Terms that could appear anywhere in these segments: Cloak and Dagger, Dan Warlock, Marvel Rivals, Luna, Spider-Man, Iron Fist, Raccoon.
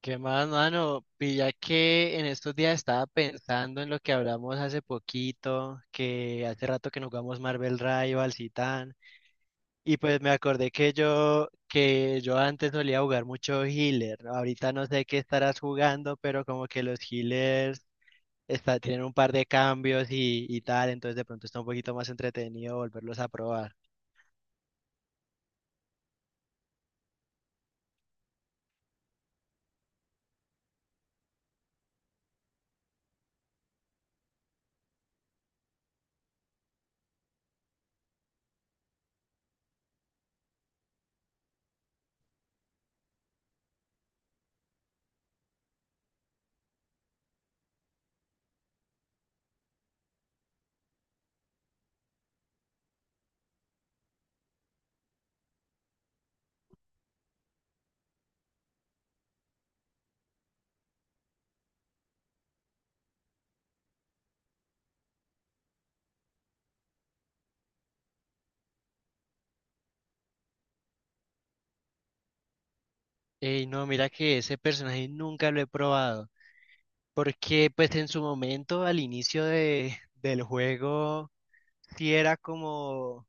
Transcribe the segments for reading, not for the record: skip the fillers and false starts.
¿Qué más, mano? Pilla que en estos días estaba pensando en lo que hablamos hace poquito, que hace rato que no jugamos Marvel Rivals y tan, y pues me acordé que yo antes solía jugar mucho healer, ¿no? Ahorita no sé qué estarás jugando, pero como que los healers está, tienen un par de cambios y tal, entonces de pronto está un poquito más entretenido volverlos a probar. Ey, no, mira que ese personaje nunca lo he probado. Porque pues en su momento, al inicio del juego, sí era como,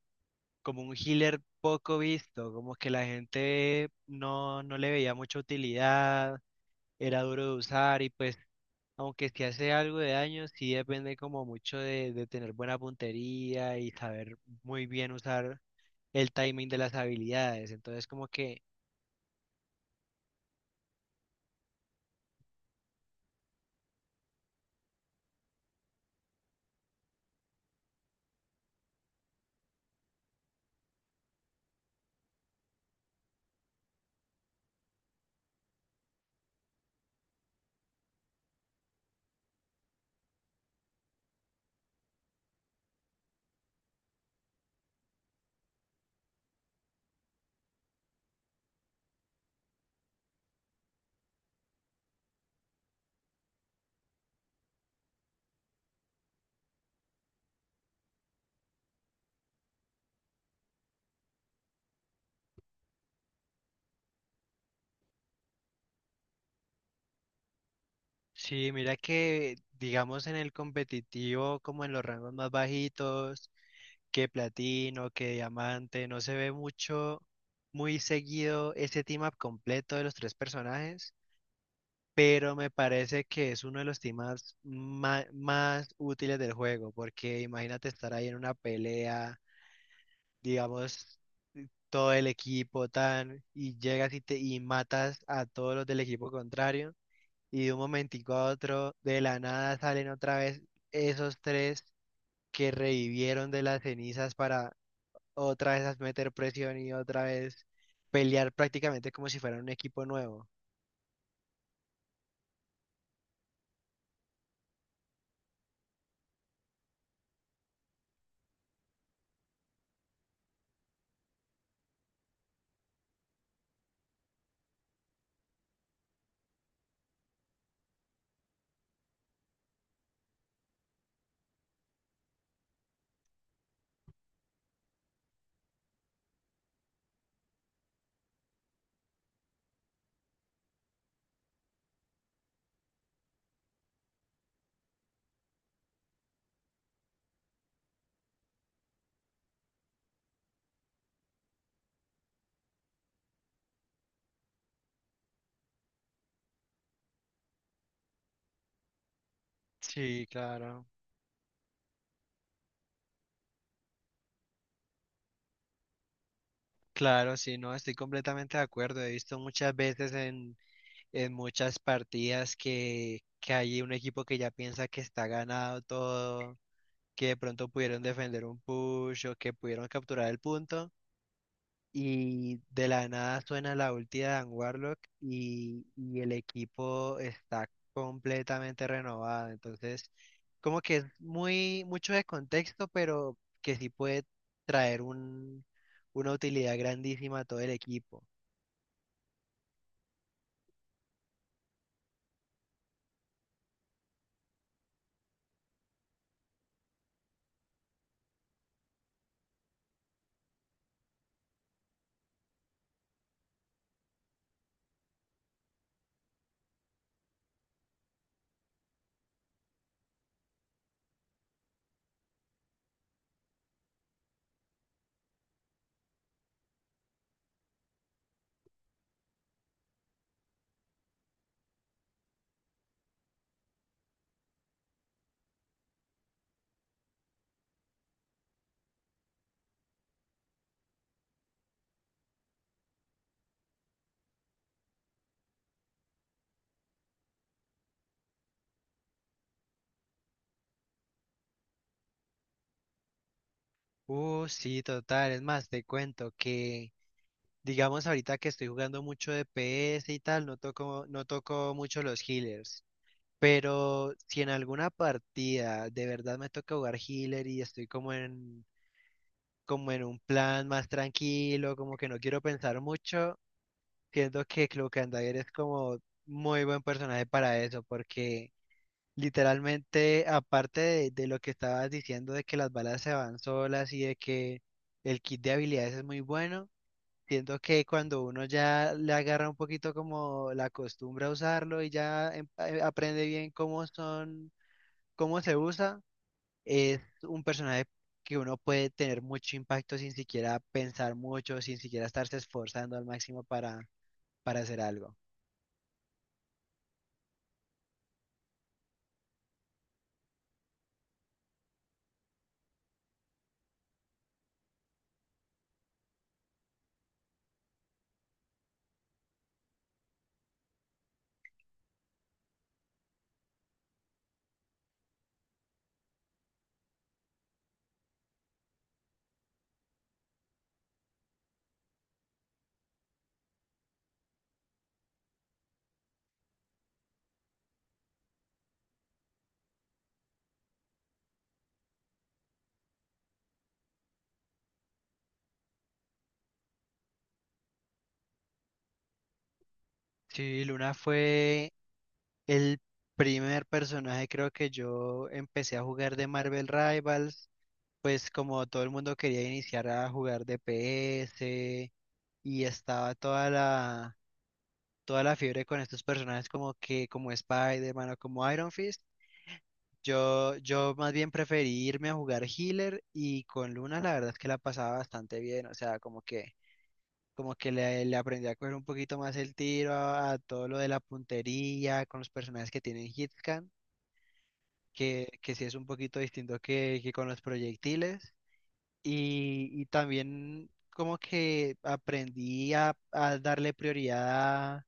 como un healer poco visto, como que la gente no le veía mucha utilidad, era duro de usar y pues aunque sí hace algo de daño, sí depende como mucho de tener buena puntería y saber muy bien usar el timing de las habilidades. Entonces como que... Sí, mira que digamos en el competitivo, como en los rangos más bajitos, que platino, que diamante, no se ve mucho, muy seguido ese team up completo de los tres personajes, pero me parece que es uno de los team ups más útiles del juego, porque imagínate estar ahí en una pelea, digamos, todo el equipo tan, y llegas y matas a todos los del equipo contrario, y de un momentico a otro, de la nada salen otra vez esos tres que revivieron de las cenizas para otra vez a meter presión y otra vez pelear prácticamente como si fuera un equipo nuevo. Sí, claro, claro, sí, no, estoy completamente de acuerdo. He visto muchas veces en muchas partidas que hay un equipo que ya piensa que está ganado todo, que de pronto pudieron defender un push o que pudieron capturar el punto. Y de la nada suena la ulti de Dan Warlock y el equipo está completamente renovado. Entonces, como que es muy mucho de contexto, pero que sí puede traer un, una utilidad grandísima a todo el equipo. Sí, total. Es más, te cuento que, digamos, ahorita que estoy jugando mucho de PS y tal, no toco mucho los healers. Pero si en alguna partida de verdad me toca jugar healer y estoy como en, como en un plan más tranquilo, como que no quiero pensar mucho, siento que Cloak and Dagger es como muy buen personaje para eso, porque literalmente, aparte de lo que estabas diciendo de que las balas se van solas y de que el kit de habilidades es muy bueno, siento que cuando uno ya le agarra un poquito como la costumbre a usarlo y ya aprende bien cómo son cómo se usa, es un personaje que uno puede tener mucho impacto sin siquiera pensar mucho, sin siquiera estarse esforzando al máximo para hacer algo. Sí, Luna fue el primer personaje creo que yo empecé a jugar de Marvel Rivals, pues como todo el mundo quería iniciar a jugar DPS y estaba toda la fiebre con estos personajes como que como Spider-Man o como Iron Fist. Yo más bien preferí irme a jugar healer y con Luna la verdad es que la pasaba bastante bien, o sea, como que le aprendí a coger un poquito más el tiro a todo lo de la puntería, con los personajes que tienen hitcan, que sí es un poquito distinto que con los proyectiles. Y también como que aprendí a darle prioridad a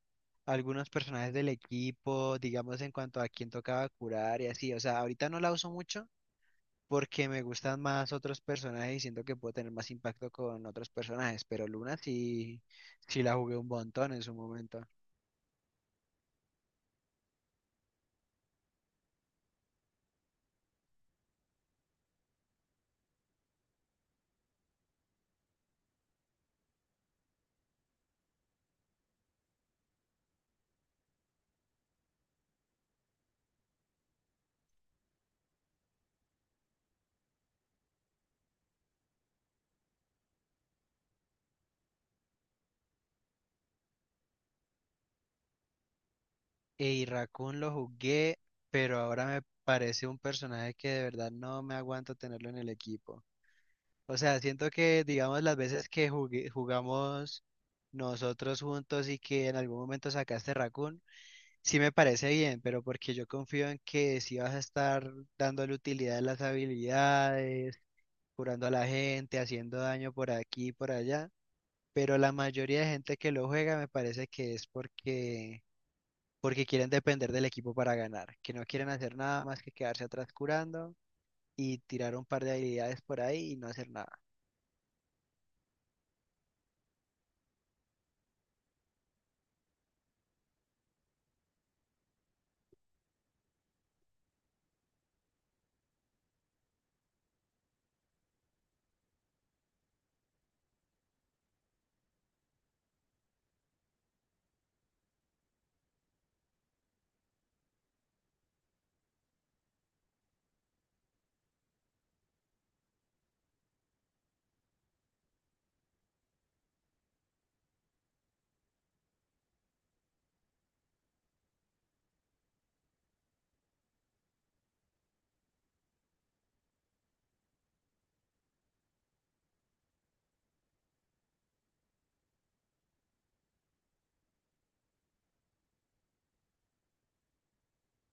algunos personajes del equipo, digamos en cuanto a quién tocaba curar y así, o sea, ahorita no la uso mucho porque me gustan más otros personajes y siento que puedo tener más impacto con otros personajes, pero Luna sí, sí la jugué un montón en su momento. Y Raccoon lo jugué, pero ahora me parece un personaje que de verdad no me aguanto tenerlo en el equipo. O sea, siento que, digamos, las veces que jugamos nosotros juntos y que en algún momento sacaste Raccoon, sí me parece bien, pero porque yo confío en que sí vas a estar dándole utilidad a las habilidades curando a la gente, haciendo daño por aquí y por allá, pero la mayoría de gente que lo juega me parece que es porque, porque quieren depender del equipo para ganar, que no quieren hacer nada más que quedarse atrás curando y tirar un par de habilidades por ahí y no hacer nada.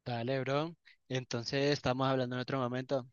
Dale, bro. Entonces estamos hablando en otro momento.